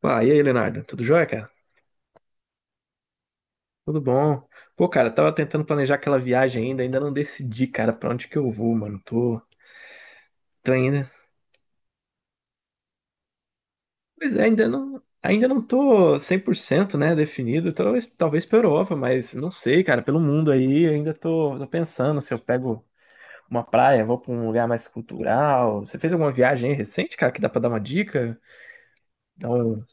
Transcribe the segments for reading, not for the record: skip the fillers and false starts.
Pá, e aí, Leonardo? Tudo jóia, cara? Tudo bom? Pô, cara, tava tentando planejar aquela viagem ainda não decidi, cara, pra onde que eu vou, mano. Tô ainda. Pois é, ainda não tô 100%, né, definido. Talvez pra Europa, mas não sei, cara, pelo mundo aí, ainda tô pensando se eu pego uma praia, vou pra um lugar mais cultural. Você fez alguma viagem aí recente, cara, que dá pra dar uma dica? Dá um.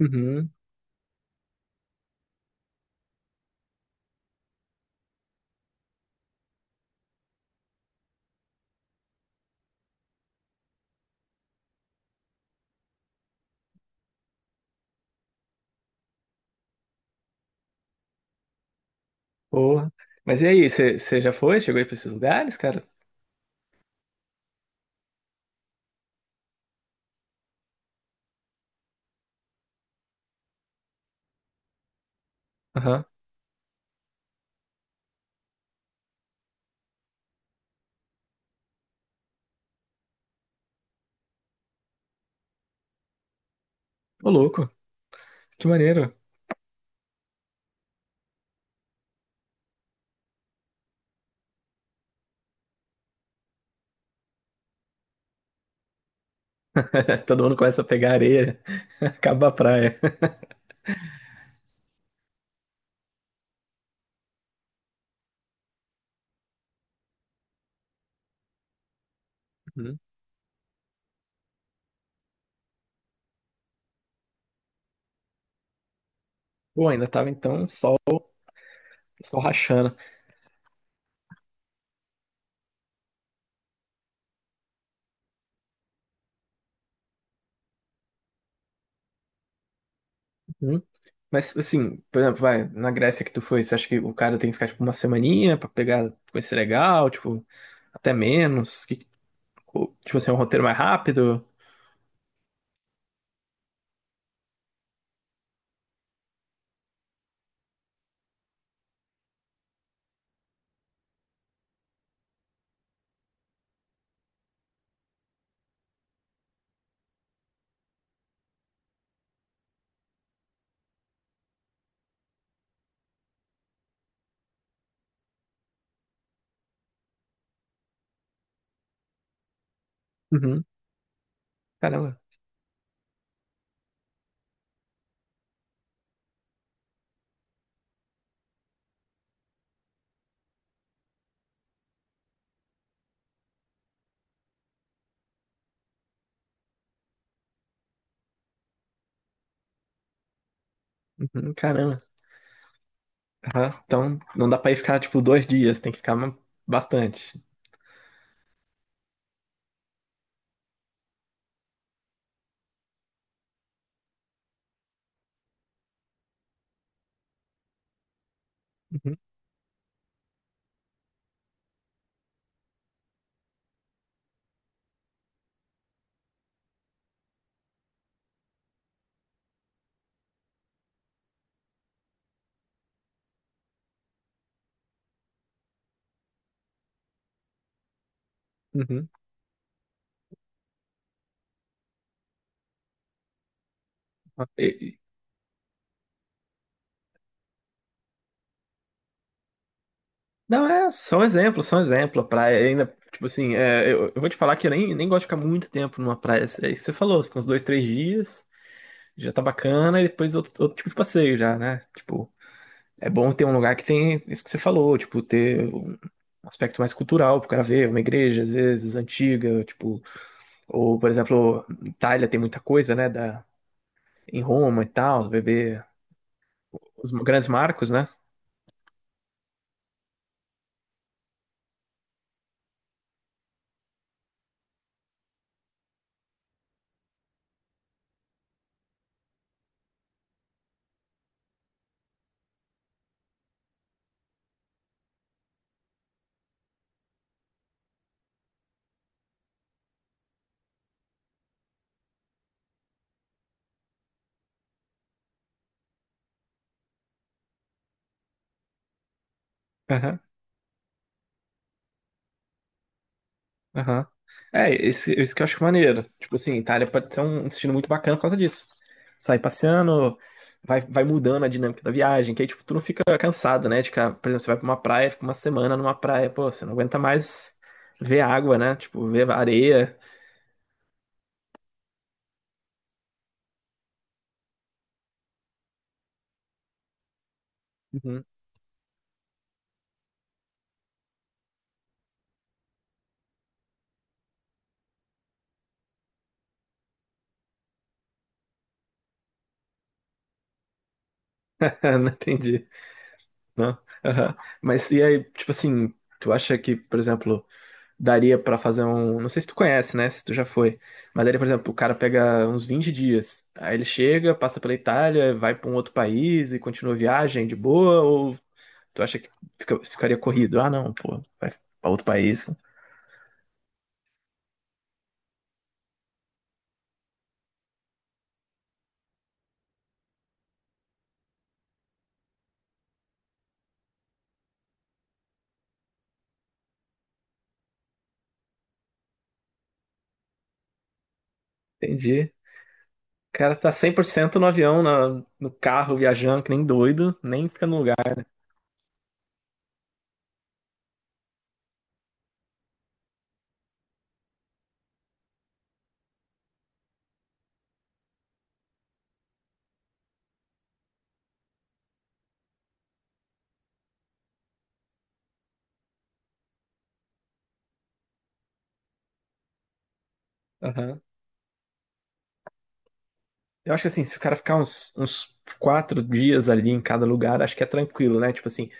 Uhum, porra. Mas e aí, você já foi? Chegou aí pra esses lugares, cara? Aham. Ô, louco. Que maneiro. Todo mundo começa a pegar areia, acaba a praia. Uhum. Pô, ainda tava então sol, sol rachando. Uhum. Mas assim, por exemplo, vai, na Grécia que tu foi, você acha que o cara tem que ficar tipo uma semaninha pra pegar coisa legal, tipo, até menos? Ou, tipo assim, é um roteiro mais rápido? Uhum. Caramba. Uhum, caramba. Aham. Então, não dá pra ir ficar, tipo, 2 dias, tem que ficar bastante. Uhum, uhum. E- e- não, é só um exemplo, só um exemplo. A praia ainda, tipo assim, é, eu vou te falar que eu nem gosto de ficar muito tempo numa praia. É isso que você falou, fica uns 2, 3 dias, já tá bacana, e depois outro, outro tipo de passeio já, né? Tipo, é bom ter um lugar que tem isso que você falou, tipo, ter um aspecto mais cultural pro cara ver, uma igreja, às vezes, antiga, tipo, ou, por exemplo, Itália tem muita coisa, né, da, em Roma e tal, beber. Os grandes marcos, né? Aham, aham. É, esse, isso que eu acho maneiro. Tipo assim, Itália pode ser um destino muito bacana por causa disso. Sai passeando, vai, vai mudando a dinâmica da viagem, que aí, tipo, tu não fica cansado, né? De ficar, por exemplo, você vai pra uma praia, fica uma semana numa praia, pô, você não aguenta mais ver água, né? Tipo, ver areia. Uhum. Não entendi. Não. Aham. Mas e aí, tipo assim, tu acha que, por exemplo, daria pra fazer um. Não sei se tu conhece, né? Se tu já foi. Mas daria, por exemplo, o cara pega uns 20 dias. Aí ele chega, passa pela Itália, vai pra um outro país e continua a viagem de boa? Ou tu acha que ficaria corrido? Ah, não, pô, vai pra outro país. Entendi. O cara tá 100% no avião, no carro, viajando, que nem doido, nem fica no lugar. Aham. Eu acho que assim, se o cara ficar uns 4 dias ali em cada lugar, acho que é tranquilo, né? Tipo assim,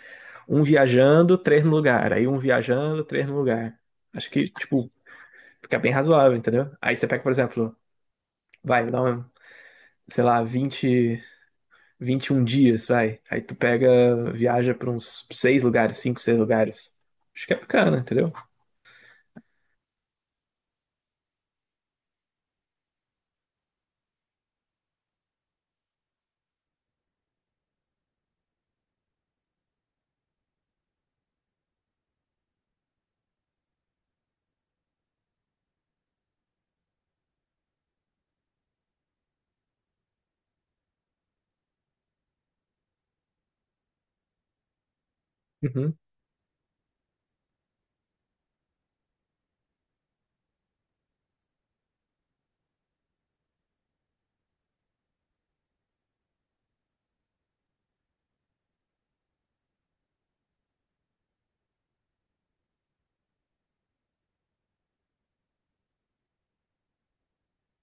um viajando, três no lugar. Aí um viajando, três no lugar. Acho que, tipo, fica bem razoável, entendeu? Aí você pega, por exemplo, vai, dá um, sei lá, 20, um dias, vai. Aí tu pega, viaja pra uns seis lugares, cinco, seis lugares. Acho que é bacana, entendeu? Uhum,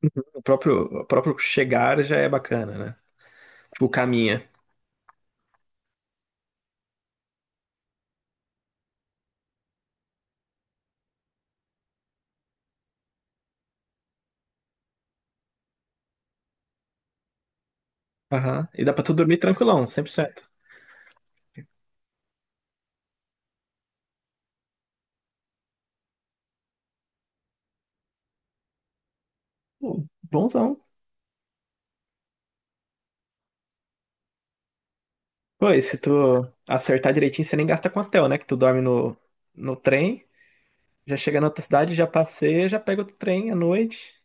uhum. O próprio chegar já é bacana, né? Tipo, caminha. Aham. E dá pra tu dormir tranquilão, 100%. Pô, bonzão. Pô, e se tu acertar direitinho, você nem gasta com hotel, né? Que tu dorme no trem. Já chega na outra cidade, já passeia, já pega outro trem à noite.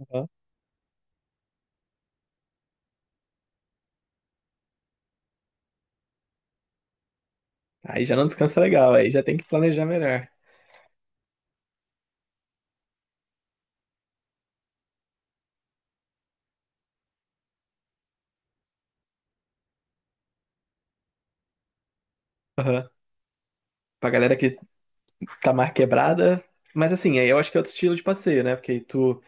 Aham. Aí já não descansa legal, aí já tem que planejar melhor. Aham. Pra galera que tá mais quebrada. Mas assim, aí eu acho que é outro estilo de passeio, né? Porque tu.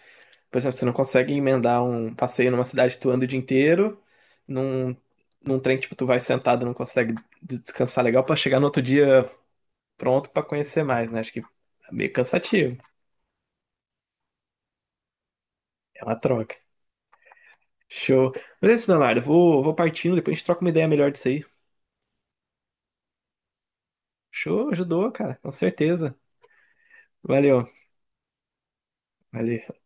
Por exemplo, você não consegue emendar um passeio numa cidade que tu anda o dia inteiro, num, num trem que tipo, tu vai sentado não consegue descansar legal pra chegar no outro dia pronto pra conhecer mais, né? Acho que é meio cansativo. É uma troca. Show. Mas é isso, Leonardo. Eu vou partindo, depois a gente troca uma ideia melhor disso aí. Show, ajudou, cara, com certeza. Valeu. Valeu.